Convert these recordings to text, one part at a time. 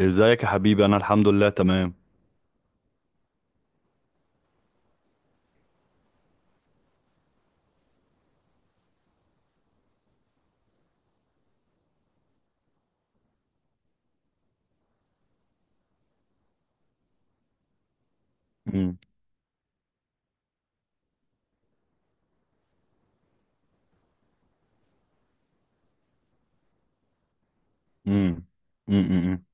ازيك يا حبيبي، انا الحمد لله تمام. امم. امم. امم.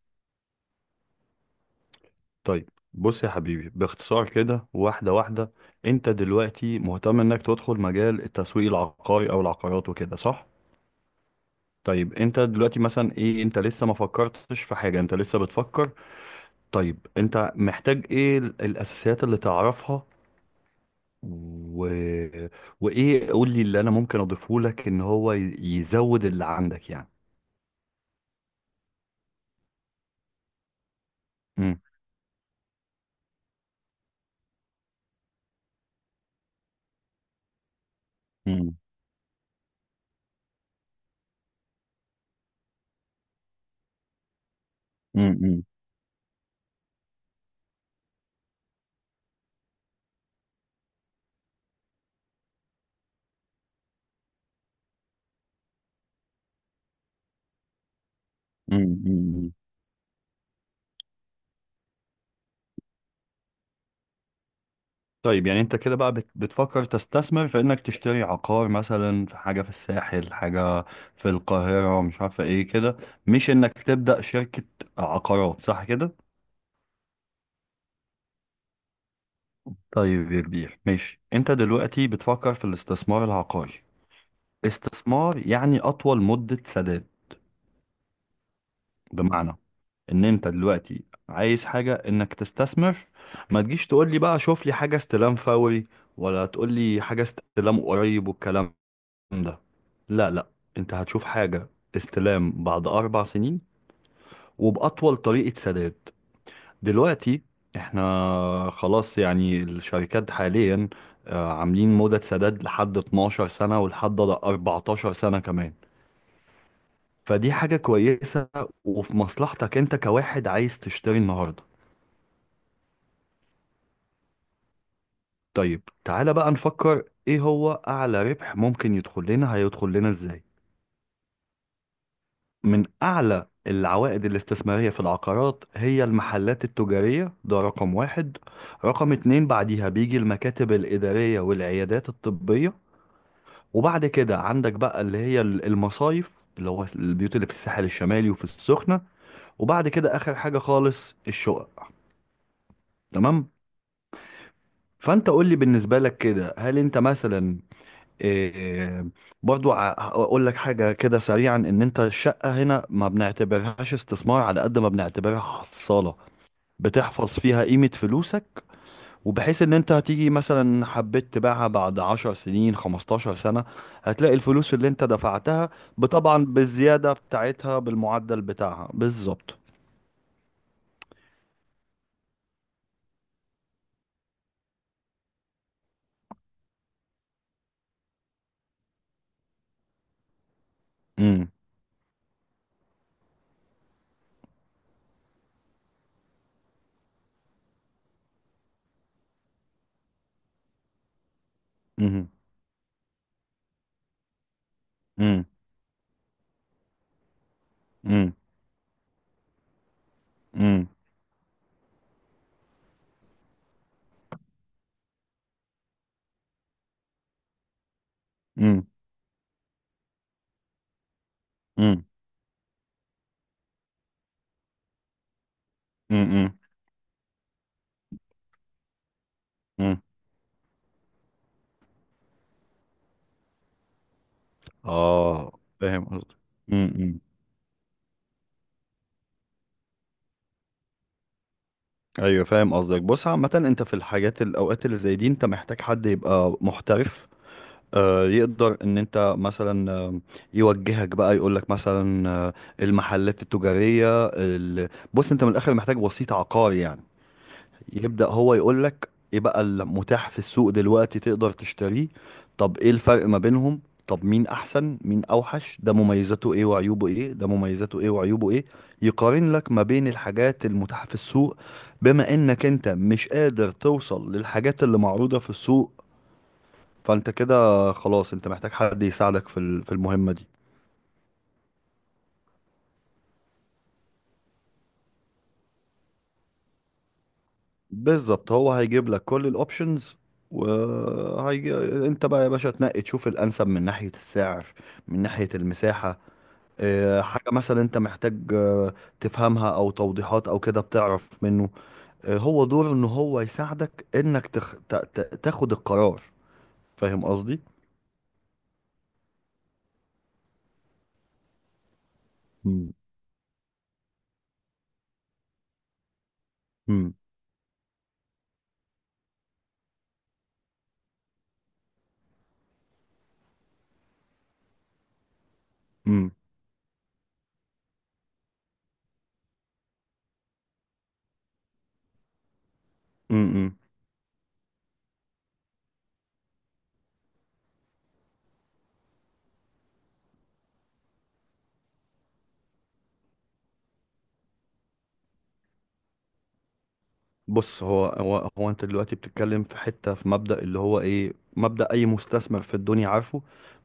طيب بص يا حبيبي، باختصار كده واحده واحده. انت دلوقتي مهتم انك تدخل مجال التسويق العقاري او العقارات وكده، صح؟ طيب انت دلوقتي مثلا ايه، انت لسه ما فكرتش في حاجه، انت لسه بتفكر؟ طيب انت محتاج ايه الاساسيات اللي تعرفها، و... وايه قول لي اللي انا ممكن اضيفه لك ان هو يزود اللي عندك يعني. امم. امم. امم. طيب يعني انت كده بقى بتفكر تستثمر في انك تشتري عقار، مثلا في حاجة في الساحل، حاجة في القاهرة، مش عارفة ايه كده. مش انك تبدأ شركة عقارات، صح كده؟ طيب يا كبير ماشي، انت دلوقتي بتفكر في الاستثمار العقاري. استثمار يعني اطول مدة سداد. بمعنى ان انت دلوقتي عايز حاجة انك تستثمر، ما تجيش تقول لي بقى شوف لي حاجة استلام فوري، ولا تقول لي حاجة استلام قريب والكلام ده. لا لا، انت هتشوف حاجة استلام بعد 4 سنين وبأطول طريقة سداد. دلوقتي احنا خلاص يعني، الشركات حاليا عاملين مدة سداد لحد 12 سنة ولحد 14 سنة كمان. فدي حاجة كويسة وفي مصلحتك انت كواحد عايز تشتري النهاردة. طيب تعالى بقى نفكر ايه هو أعلى ربح ممكن يدخل لنا، هيدخل لنا ازاي. من أعلى العوائد الاستثمارية في العقارات هي المحلات التجارية، ده رقم واحد. رقم اتنين بعديها بيجي المكاتب الإدارية والعيادات الطبية. وبعد كده عندك بقى اللي هي المصايف، اللي هو البيوت اللي في الساحل الشمالي وفي السخنة. وبعد كده آخر حاجة خالص الشقق. تمام. فأنت قول لي بالنسبة لك كده، هل أنت مثلا إيه، برضو هقول لك حاجة كده سريعا، إن أنت الشقة هنا ما بنعتبرهاش استثمار على قد ما بنعتبرها حصالة، بتحفظ فيها قيمة فلوسك. وبحيث ان انت هتيجي مثلا حبيت تبيعها بعد 10 سنين 15 سنة، هتلاقي الفلوس اللي انت دفعتها طبعا بالزيادة بتاعتها بالمعدل بتاعها بالظبط. امم. امم. امم. امم. امم. امم. امم. امم. امم. اه، فاهم قصدك. امم. ايوه فاهم قصدك. بص عامة، انت في الحاجات الاوقات اللي زي دي انت محتاج حد يبقى محترف، يقدر ان انت مثلا، يوجهك بقى يقول لك مثلا، المحلات التجارية بص، انت من الاخر محتاج وسيط عقاري يعني، يبدأ هو يقول لك ايه بقى المتاح في السوق دلوقتي تقدر تشتريه. طب ايه الفرق ما بينهم، طب مين احسن مين اوحش، ده مميزاته ايه وعيوبه ايه، ده مميزاته ايه وعيوبه ايه. يقارن لك ما بين الحاجات المتاحة في السوق، بما انك انت مش قادر توصل للحاجات اللي معروضة في السوق. فانت كده خلاص انت محتاج حد يساعدك في المهمة دي. بالظبط، هو هيجيب لك كل الاوبشنز وهي... انت بقى يا باشا تنقي تشوف الانسب من ناحية السعر، من ناحية المساحة، اه، حاجة مثلا انت محتاج تفهمها او توضيحات او كده بتعرف منه. اه، هو دوره ان هو يساعدك انك تاخد القرار. فاهم قصدي؟ مم. مم. مم. مم. بص، هو انت دلوقتي بتتكلم في حتة في مبدأ، اللي هو ايه، مبدأ اي مستثمر في الدنيا عارفه: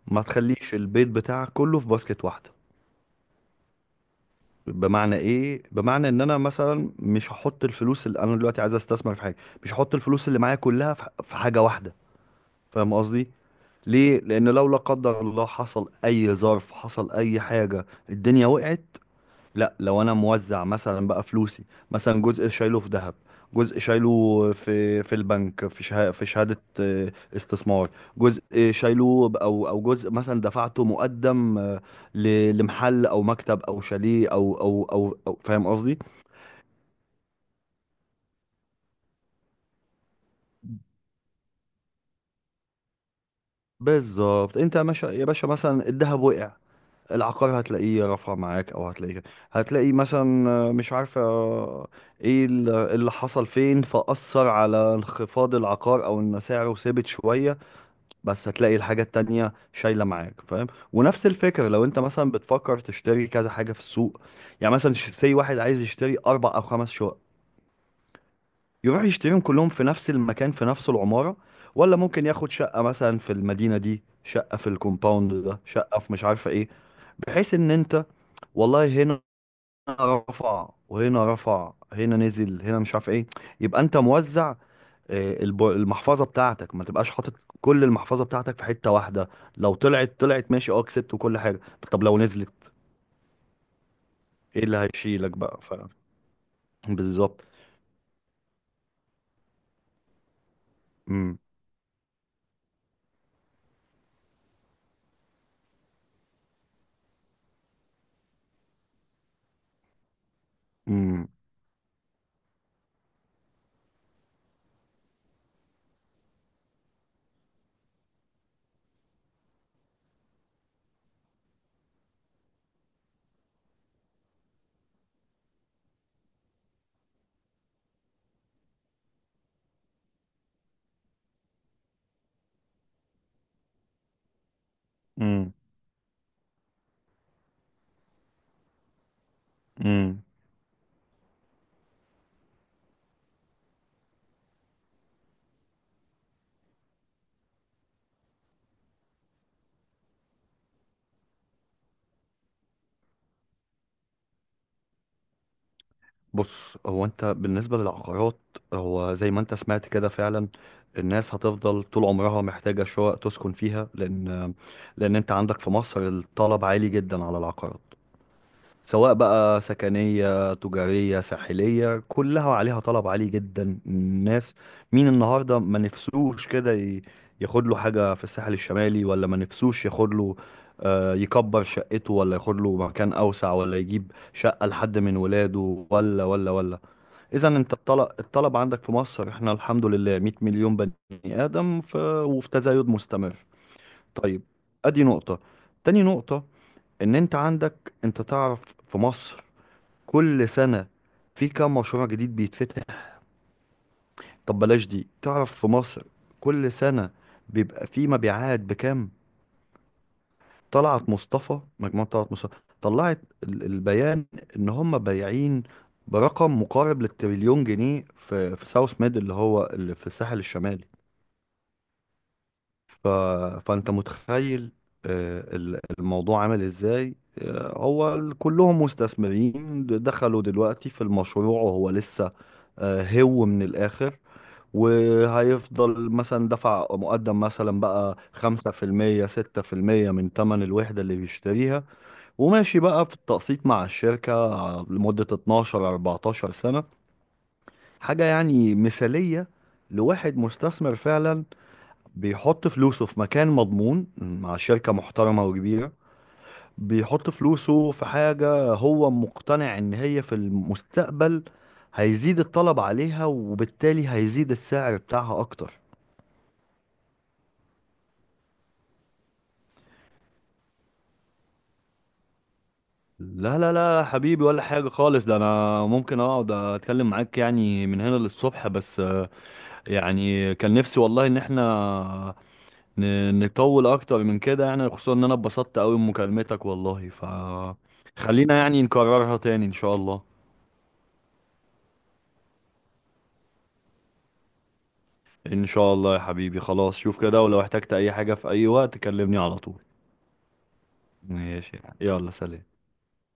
ما تخليش البيت بتاعك كله في باسكت واحدة. بمعنى ايه؟ بمعنى ان انا مثلا مش هحط الفلوس اللي انا دلوقتي عايز استثمر في حاجة، مش هحط الفلوس اللي معايا كلها في حاجة واحدة. فاهم قصدي؟ ليه؟ لان لو لا قدر الله حصل اي ظرف، حصل اي حاجة، الدنيا وقعت. لا، لو انا موزع مثلا بقى فلوسي، مثلا جزء شايله في ذهب، جزء شايله في البنك، في شهادة استثمار، جزء شايله ب- او او جزء مثلا دفعته مقدم، لمحل او مكتب او شاليه او فاهم قصدي. بالظبط. انت يا باشا يا باشا، مثلا الذهب وقع، العقار هتلاقيه رفع معاك، او هتلاقي مثلا، مش عارفه، ايه اللي حصل فين فأثر على انخفاض العقار، او ان سعره ثابت شويه، بس هتلاقي الحاجه التانية شايله معاك. فاهم؟ ونفس الفكره لو انت مثلا بتفكر تشتري كذا حاجه في السوق، يعني مثلا سي واحد عايز يشتري 4 او 5 شقق، يروح يشتريهم كلهم في نفس المكان في نفس العماره؟ ولا ممكن ياخد شقه مثلا في المدينه دي، شقه في الكومباوند ده، شقه في مش عارفه ايه، بحيث ان انت والله هنا رفع وهنا رفع هنا نزل هنا مش عارف ايه، يبقى انت موزع. المحفظه بتاعتك ما تبقاش حاطط كل المحفظه بتاعتك في حته واحده. لو طلعت طلعت ماشي، اه كسبت وكل حاجه. طب لو نزلت ايه اللي هيشيلك بقى بالظبط. امم. امم. امم. امم. بص، هو انت بالنسبة للعقارات، هو زي ما انت سمعت كده فعلا، الناس هتفضل طول عمرها محتاجة شقق تسكن فيها، لان انت عندك في مصر الطلب عالي جدا على العقارات. سواء بقى سكنية تجارية ساحلية كلها عليها طلب عالي جدا. الناس مين النهاردة ما نفسوش كده ياخد له حاجة في الساحل الشمالي؟ ولا ما نفسوش ياخد له، يكبر شقته، ولا ياخد له مكان أوسع، ولا يجيب شقة لحد من ولاده، ولا ولا ولا. اذا انت الطلب عندك في مصر، احنا الحمد لله 100 مليون بني ادم وفي تزايد مستمر. طيب، ادي نقطة. تاني نقطة ان انت عندك، انت تعرف في مصر كل سنة في كام مشروع جديد بيتفتح؟ طب بلاش دي، تعرف في مصر كل سنة بيبقى في مبيعات بكام؟ طلعت مصطفى، مجموعة طلعت مصطفى طلعت البيان ان هم بايعين برقم مقارب للتريليون جنيه، في ساوث ميد اللي هو اللي في الساحل الشمالي. ف... فانت متخيل الموضوع عامل ازاي، كلهم مستثمرين دخلوا دلوقتي في المشروع وهو لسه، هو من الاخر. وهيفضل مثلا دفع مقدم مثلا بقى 5% 6% من تمن الوحدة اللي بيشتريها، وماشي بقى في التقسيط مع الشركة لمدة 12 14 سنة. حاجة يعني مثالية لواحد مستثمر فعلا، بيحط فلوسه في مكان مضمون مع شركة محترمة وكبيرة، بيحط فلوسه في حاجة هو مقتنع إن هي في المستقبل هيزيد الطلب عليها وبالتالي هيزيد السعر بتاعها أكتر. لا لا لا يا حبيبي، ولا حاجة خالص، ده أنا ممكن أقعد أتكلم معاك يعني من هنا للصبح بس، يعني كان نفسي والله إن إحنا نطول أكتر من كده، يعني خصوصا إن أنا اتبسطت أوي بمكالمتك والله، فخلينا يعني نكررها تاني إن شاء الله. ان شاء الله يا حبيبي، خلاص شوف كده، ولو احتجت اي حاجة في اي وقت كلمني على طول. ماشي، يلا سلام.